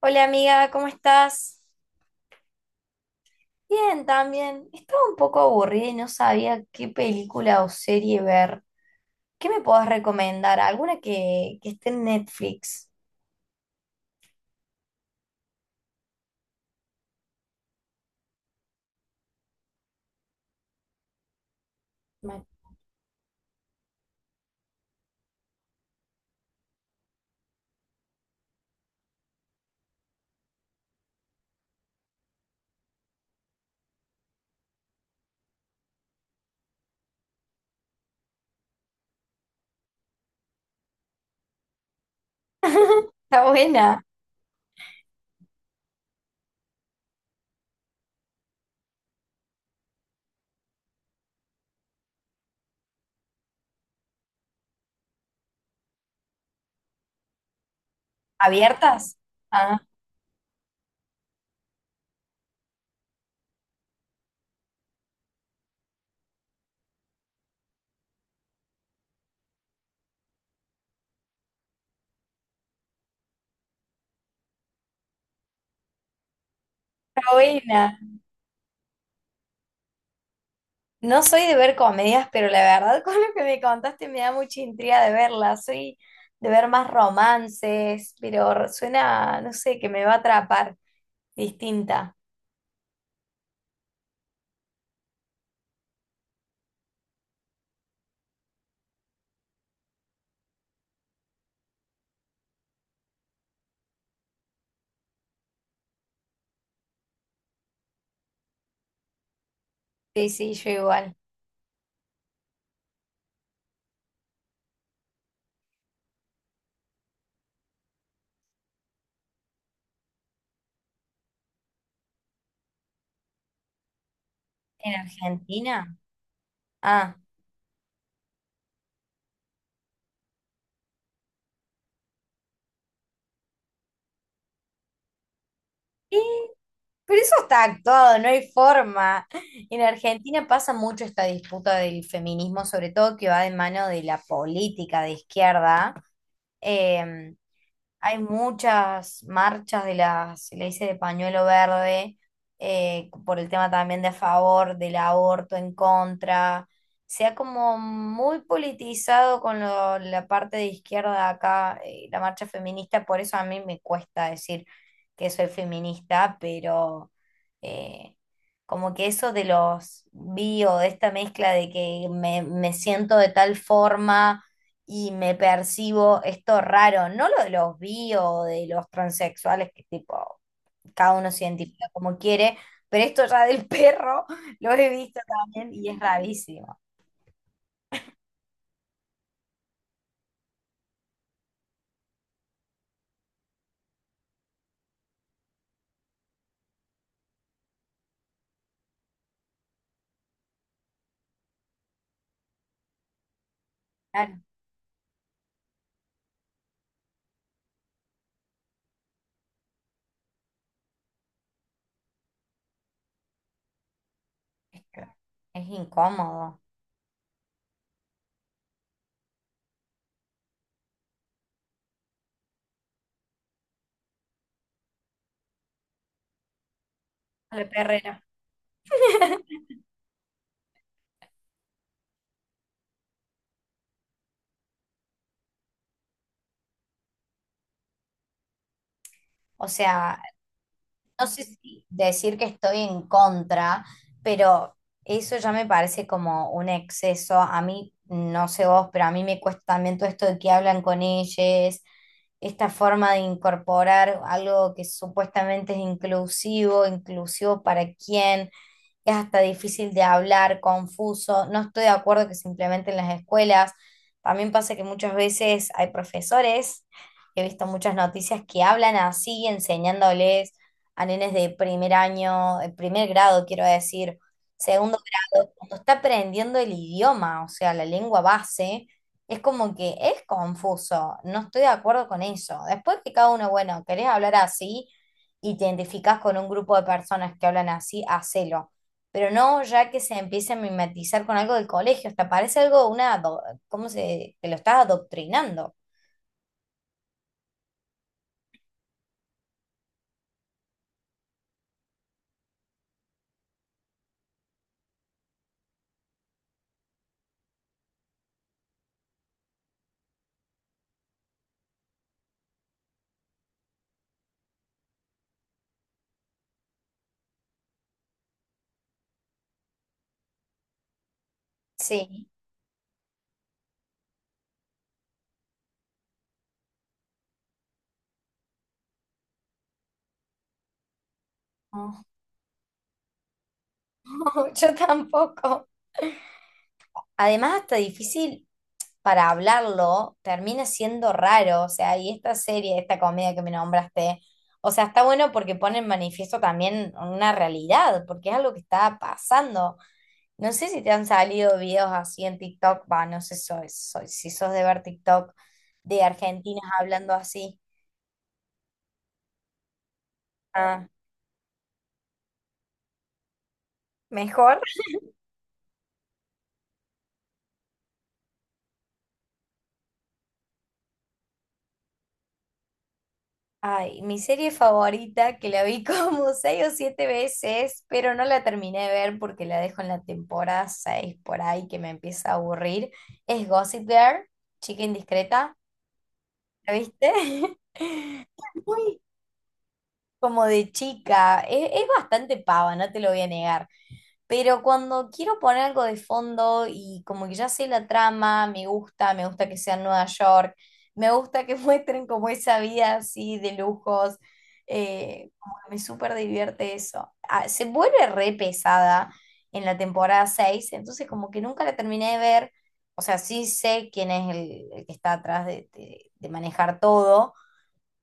Hola amiga, ¿cómo estás? Bien, también. Estaba un poco aburrida y no sabía qué película o serie ver. ¿Qué me podés recomendar? ¿Alguna que esté en Netflix? Ma- Está buena. ¿Abiertas? Ah, está buena. No soy de ver comedias, pero la verdad con lo que me contaste me da mucha intriga de verla. Soy de ver más romances, pero suena, no sé, que me va a atrapar. Distinta. Sí, sí, yo igual. ¿En Argentina? Ah. Pero eso está actuado, no hay forma. En Argentina pasa mucho esta disputa del feminismo, sobre todo que va de mano de la política de izquierda. eh, Hay muchas marchas de las, se le dice de pañuelo verde, por el tema también de a favor del aborto, en contra. Se ha como muy politizado con la parte de izquierda acá, la marcha feminista, por eso a mí me cuesta decir que soy feminista, pero eh, como que eso de los bio, de esta mezcla de me siento de tal forma y me percibo esto raro, no lo de los bi o de los transexuales, que tipo, cada uno se identifica como quiere, pero esto ya del perro lo he visto también y es rarísimo. Claro, es, que es incómodo. A la perrera. O sea, no sé si decir que estoy en contra, pero eso ya me parece como un exceso. A mí, no sé vos, pero a mí me cuesta también todo esto de que hablan con ellos, esta forma de incorporar algo que supuestamente es inclusivo, inclusivo para quién es hasta difícil de hablar, confuso. No estoy de acuerdo que se implementen en las escuelas. También pasa que muchas veces hay profesores, he visto muchas noticias que hablan así, enseñándoles a nenes de primer año, primer grado, quiero decir, segundo grado, cuando está aprendiendo el idioma, o sea, la lengua base. Es como que es confuso, no estoy de acuerdo con eso. Después que cada uno, bueno, querés hablar así y te identificás con un grupo de personas que hablan así, hacelo. Pero no ya que se empiece a mimetizar con algo del colegio, hasta parece algo, una, ado- ¿cómo se, que lo estás adoctrinando? Sí. No, yo tampoco. Además, hasta difícil para hablarlo, termina siendo raro, o sea, y esta serie, esta comedia que me nombraste, o sea, está bueno porque pone en manifiesto también una realidad, porque es algo que está pasando. No sé si te han salido videos así en TikTok, va, no sé si sos de ver TikTok de argentinas hablando así. Ah, mejor. Ay, mi serie favorita, que la vi como seis o siete veces, pero no la terminé de ver porque la dejo en la temporada 6 por ahí que me empieza a aburrir, es Gossip Girl, Chica Indiscreta. ¿La viste? Muy como de chica. Es bastante pava, no te lo voy a negar. Pero cuando quiero poner algo de fondo y como que ya sé la trama, me gusta que sea en Nueva York, me gusta que muestren como esa vida así de lujos, como que me súper divierte eso. Ah, se vuelve re pesada en la temporada 6 entonces como que nunca la terminé de ver, o sea, sí sé quién es el que está atrás de manejar todo.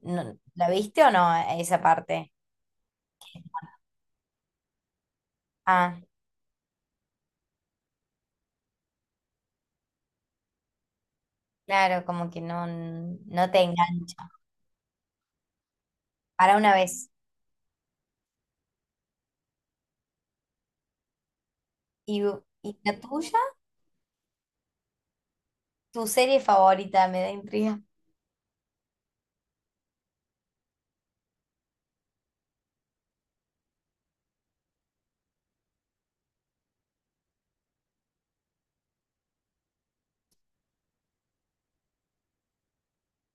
No- ¿la viste o no esa parte? Ah, claro, como que no, no te engancha. Para una vez. ¿Y, y la tuya? ¿Tu serie favorita? Me da intriga.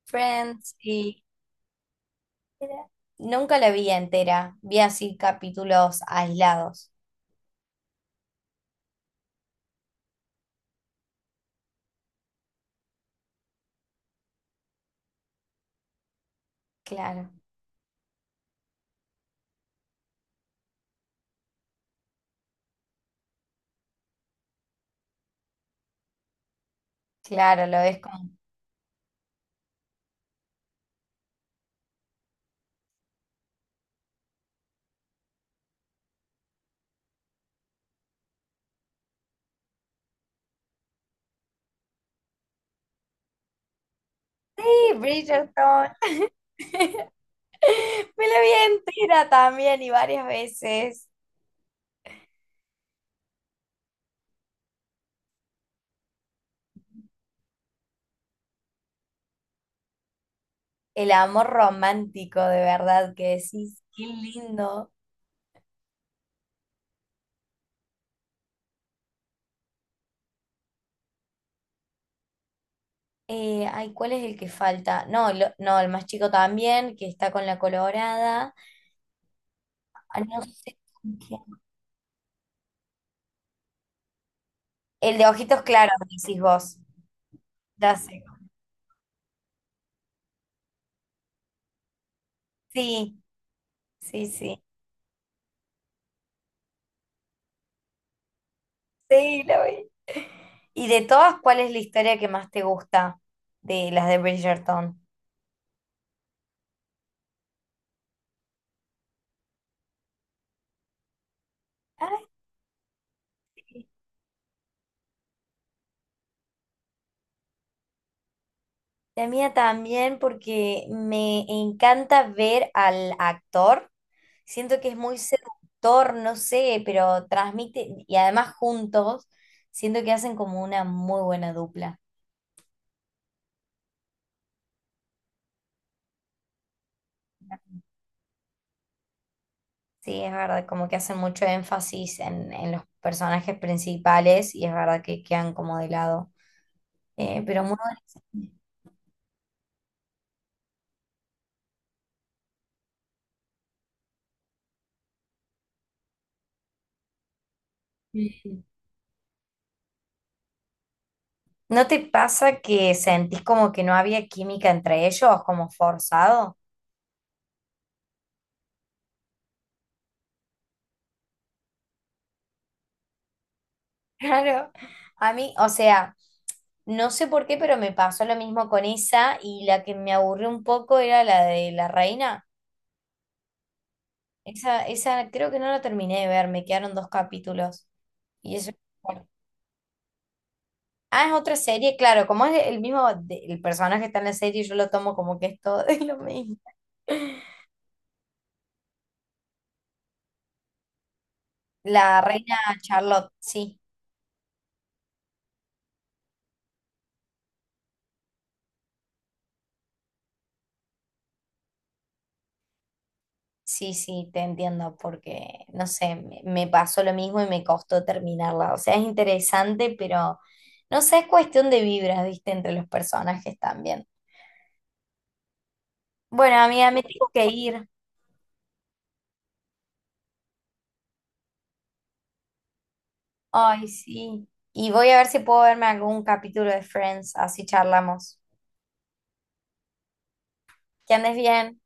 Friends y... Nunca la vi entera. Vi así capítulos aislados. Claro, claro, lo ves como... ¡Sí, Bridgerton! Me la vi entera también y varias veces. El amor romántico, de verdad, que decís, qué lindo. Ay, ¿cuál es el que falta? No, no, el más chico también, que está con la colorada. Ah, no sé, con quién. El de ojitos claros, decís vos. Ya sé. Sí, sí, sí. Sí, lo vi. ¿Y de todas, cuál es la historia que más te gusta de las de Bridgerton? Ay, la mía también, porque me encanta ver al actor. Siento que es muy seductor, no sé, pero transmite, y además juntos, siento que hacen como una muy buena dupla. Sí, es verdad, como que hacen mucho énfasis en los personajes principales y es verdad que quedan como de lado. Pero muy buenas- Mm. ¿No te pasa que sentís como que no había química entre ellos, como forzado? Claro, a mí, o sea, no sé por qué, pero me pasó lo mismo con esa y la que me aburrió un poco era la de la reina. Esa creo que no la terminé de ver, me quedaron dos capítulos. Y eso. Ah, es otra serie, claro, como es el mismo, el personaje que está en la serie, yo lo tomo como que es todo lo mismo. La reina Charlotte, sí, sí, sí, te entiendo, porque, no sé, me pasó lo mismo y me costó terminarla. O sea, es interesante, pero no sé, es cuestión de vibras, viste, entre los personajes también. Bueno, amiga, me tengo que ir. Ay, sí. Y voy a ver si puedo verme algún capítulo de Friends, así charlamos. Que andes bien.